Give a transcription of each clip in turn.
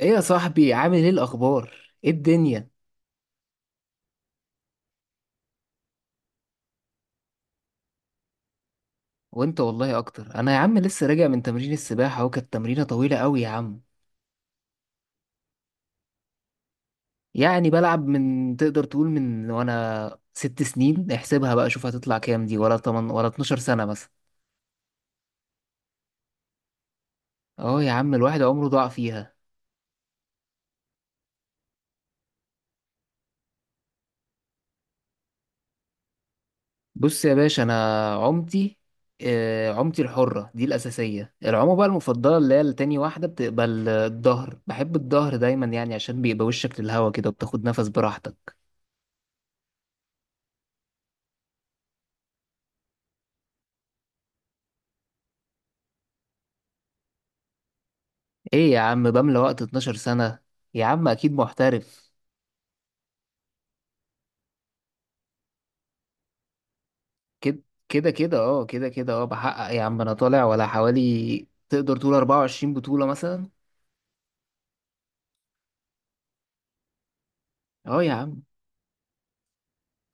ايه يا صاحبي، عامل ايه؟ الاخبار، ايه الدنيا؟ وانت والله اكتر. انا يا عم لسه راجع من تمرين السباحه، اهو كانت تمرينه طويله قوي يا عم. يعني بلعب من تقدر تقول من وانا 6 سنين، احسبها بقى، شوف هتطلع كام، دي ولا تمن ولا 12 سنه مثلا. اه يا عم، الواحد عمره ضاع فيها. بص يا باشا، انا عمتي، عمتي الحره دي الاساسيه، العومه بقى المفضله اللي هي التاني. واحده بتبقى الظهر، بحب الظهر دايما يعني عشان بيبقى وشك للهوا كده وبتاخد نفس براحتك. ايه يا عم، بملى وقت 12 سنة يا عم؟ اكيد محترف. كده كده كده، اه، كده كده، اه، بحقق يا عم. انا طالع ولا حوالي تقدر تقول 24 بطولة مثلا. اه يا عم،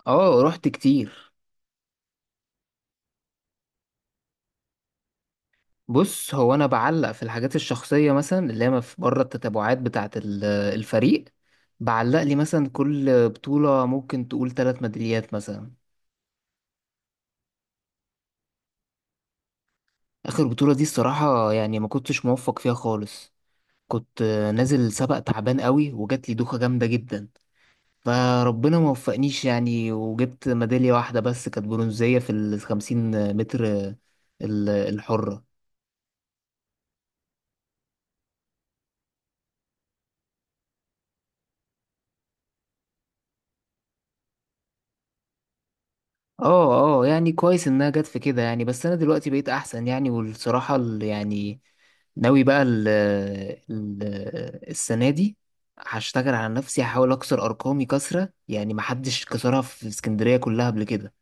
اه رحت كتير. بص هو انا بعلق في الحاجات الشخصية مثلا، اللي هي بره التتابعات بتاعة الفريق. بعلق لي مثلا كل بطولة ممكن تقول 3 ميداليات مثلا. اخر بطولة دي الصراحة يعني ما كنتش موفق فيها خالص. كنت نازل سباق تعبان قوي، وجات لي دوخة جامدة جدا. فربنا ما وفقنيش يعني، وجبت ميدالية واحدة بس، كانت برونزية في ال50 متر الحرة. اه اه، يعني كويس انها جت في كده يعني، بس انا دلوقتي بقيت احسن يعني، والصراحة يعني ناوي بقى ال السنة دي هشتغل على نفسي، هحاول اكسر ارقامي كسرة يعني، محدش كسرها في اسكندرية كلها قبل كده.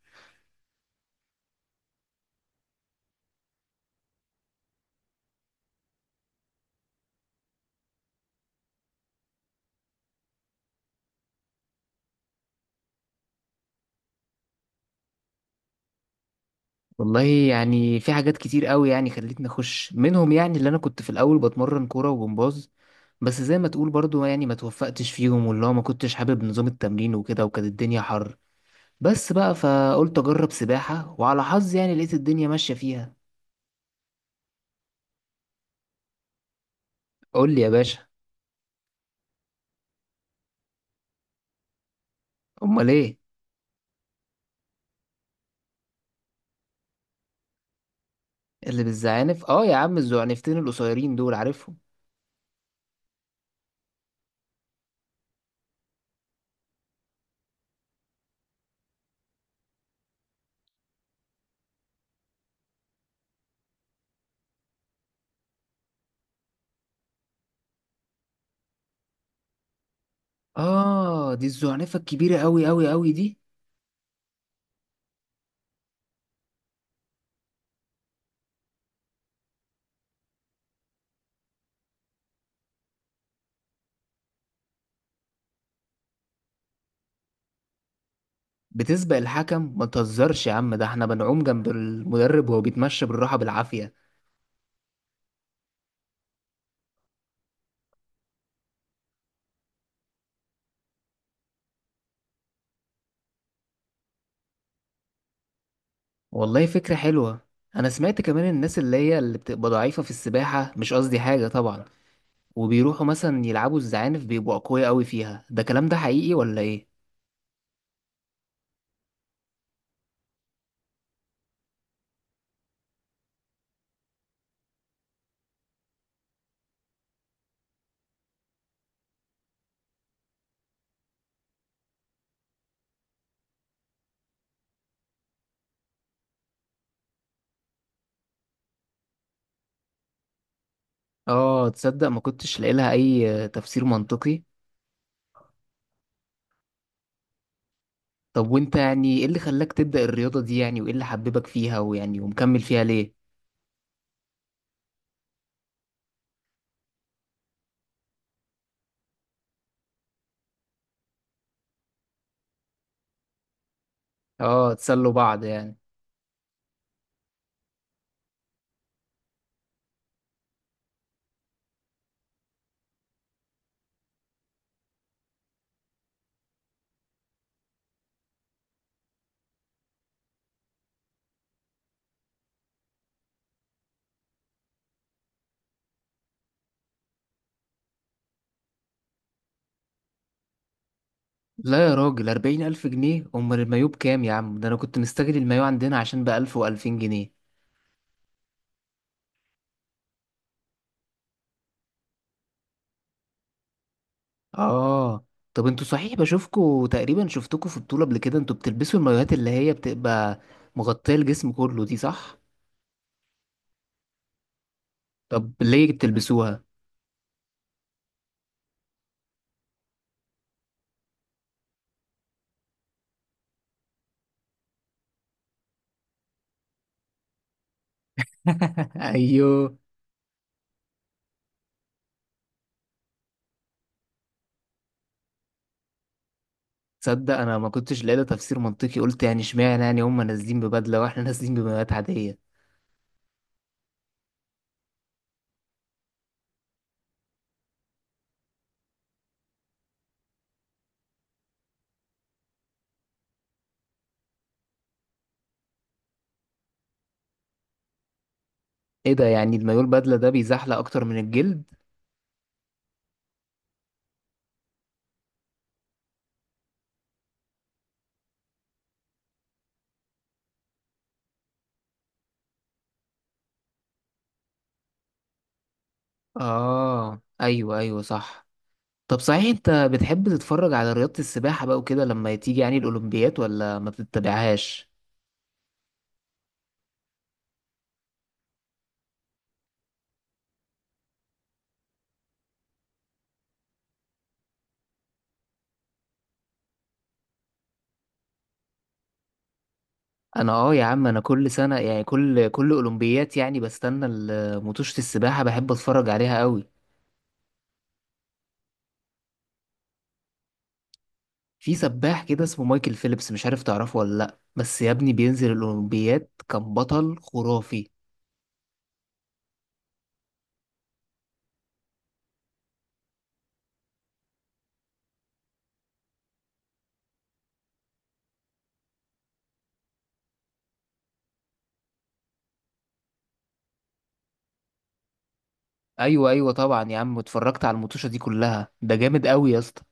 والله يعني في حاجات كتير قوي يعني خلتني اخش منهم يعني، اللي انا كنت في الاول بتمرن كوره وجمباز. بس زي ما تقول برضو يعني ما توفقتش فيهم، واللي هو ما كنتش حابب نظام التمرين وكده، وكانت الدنيا حر. بس بقى فقلت اجرب سباحه، وعلى حظي يعني لقيت الدنيا ماشيه فيها. قول لي يا باشا. امال ايه؟ اللي بالزعانف؟ اه يا عم، الزعنفتين القصيرين دول عارفهم. اه دي الزعنفه الكبيره قوي قوي قوي دي. بتسبق الحكم؟ ما تهزرش يا عم، ده احنا بنعوم جنب المدرب وهو بيتمشى بالراحه بالعافيه. والله فكرة حلوة. أنا سمعت كمان الناس اللي هي اللي بتبقى ضعيفة في السباحة، مش قصدي حاجة طبعا، وبيروحوا مثلا يلعبوا الزعانف بيبقوا أقوياء أوي فيها. ده كلام ده حقيقي ولا إيه؟ آه تصدق، ما كنتش لاقي لها أي تفسير منطقي. طب وأنت يعني إيه اللي خلاك تبدأ الرياضة دي يعني، وإيه اللي حببك فيها، ويعني ومكمل فيها ليه؟ آه تسلوا بعض يعني. لا يا راجل، 40 ألف جنيه؟ أمال المايوه بكام يا عم؟ ده أنا كنت مستغل المايوه عندنا عشان ب1000 و2000 جنيه. اه طب انتوا صحيح، بشوفكوا تقريبا شفتكوا في بطولة قبل كده، انتوا بتلبسوا المايوهات اللي هي بتبقى مغطية الجسم كله دي، صح؟ طب ليه بتلبسوها؟ ايوه. تصدق انا ما كنتش لاقي لها تفسير منطقي، قلت يعني اشمعنى يعني هم نازلين ببدلة واحنا نازلين بمايوهات عادية. ايه ده، يعني المايوه البدلة ده بيزحلق اكتر من الجلد؟ اه ايوه ايوه صح. طب صحيح انت بتحب تتفرج على رياضة السباحة بقى وكده لما تيجي يعني الاولمبيات، ولا ما بتتابعهاش؟ انا اه يا عم، انا كل سنه يعني كل اولمبيات يعني بستنى مطوشه السباحه، بحب اتفرج عليها قوي. في سباح كده اسمه مايكل فيليبس، مش عارف تعرفه ولا لا، بس يا ابني بينزل الاولمبيات كان بطل خرافي. ايوه ايوه طبعا يا عم، اتفرجت على المطوشه دي كلها، ده جامد قوي يا اسطى.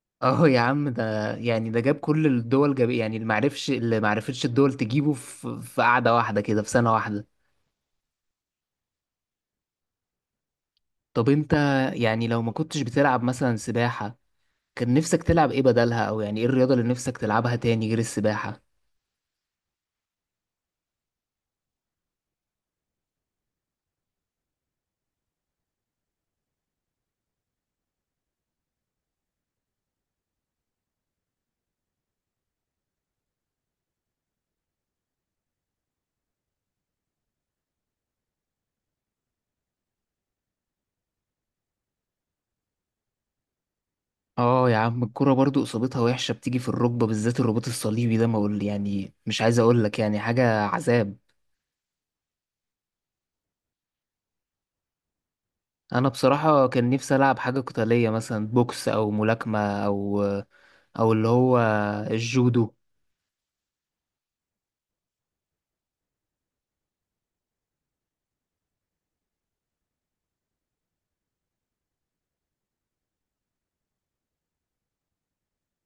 اه يا عم، ده يعني ده جاب كل الدول، جاب يعني اللي معرفش اللي معرفتش الدول تجيبه في قعده واحده كده في سنه واحده. طب انت يعني لو ما كنتش بتلعب مثلا سباحه، كان نفسك تلعب ايه بدلها؟ او يعني ايه الرياضة اللي نفسك تلعبها تاني غير السباحة؟ اه يا عم، الكرة برضو اصابتها وحشة، بتيجي في الركبة بالذات الرباط الصليبي ده، ما اقول يعني مش عايز اقول لك يعني حاجة عذاب. انا بصراحة كان نفسي العب حاجة قتالية مثلا، بوكس او ملاكمة، او او اللي هو الجودو.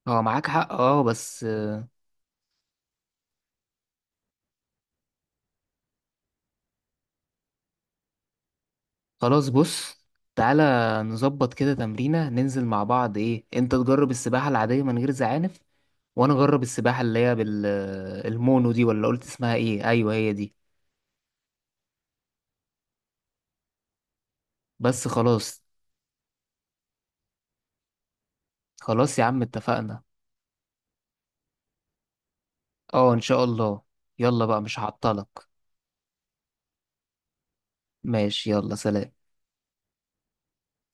اه معاك حق، اه بس خلاص. بص تعالى نظبط كده تمرينة ننزل مع بعض، ايه، انت تجرب السباحة العادية من غير زعانف، وانا اجرب السباحه اللي هي بالمونو دي، ولا قلت اسمها ايه؟ ايوه هي دي. بس خلاص. خلاص يا عم اتفقنا. اه ان شاء الله. يلا بقى مش هعطلك. ماشي يلا سلام.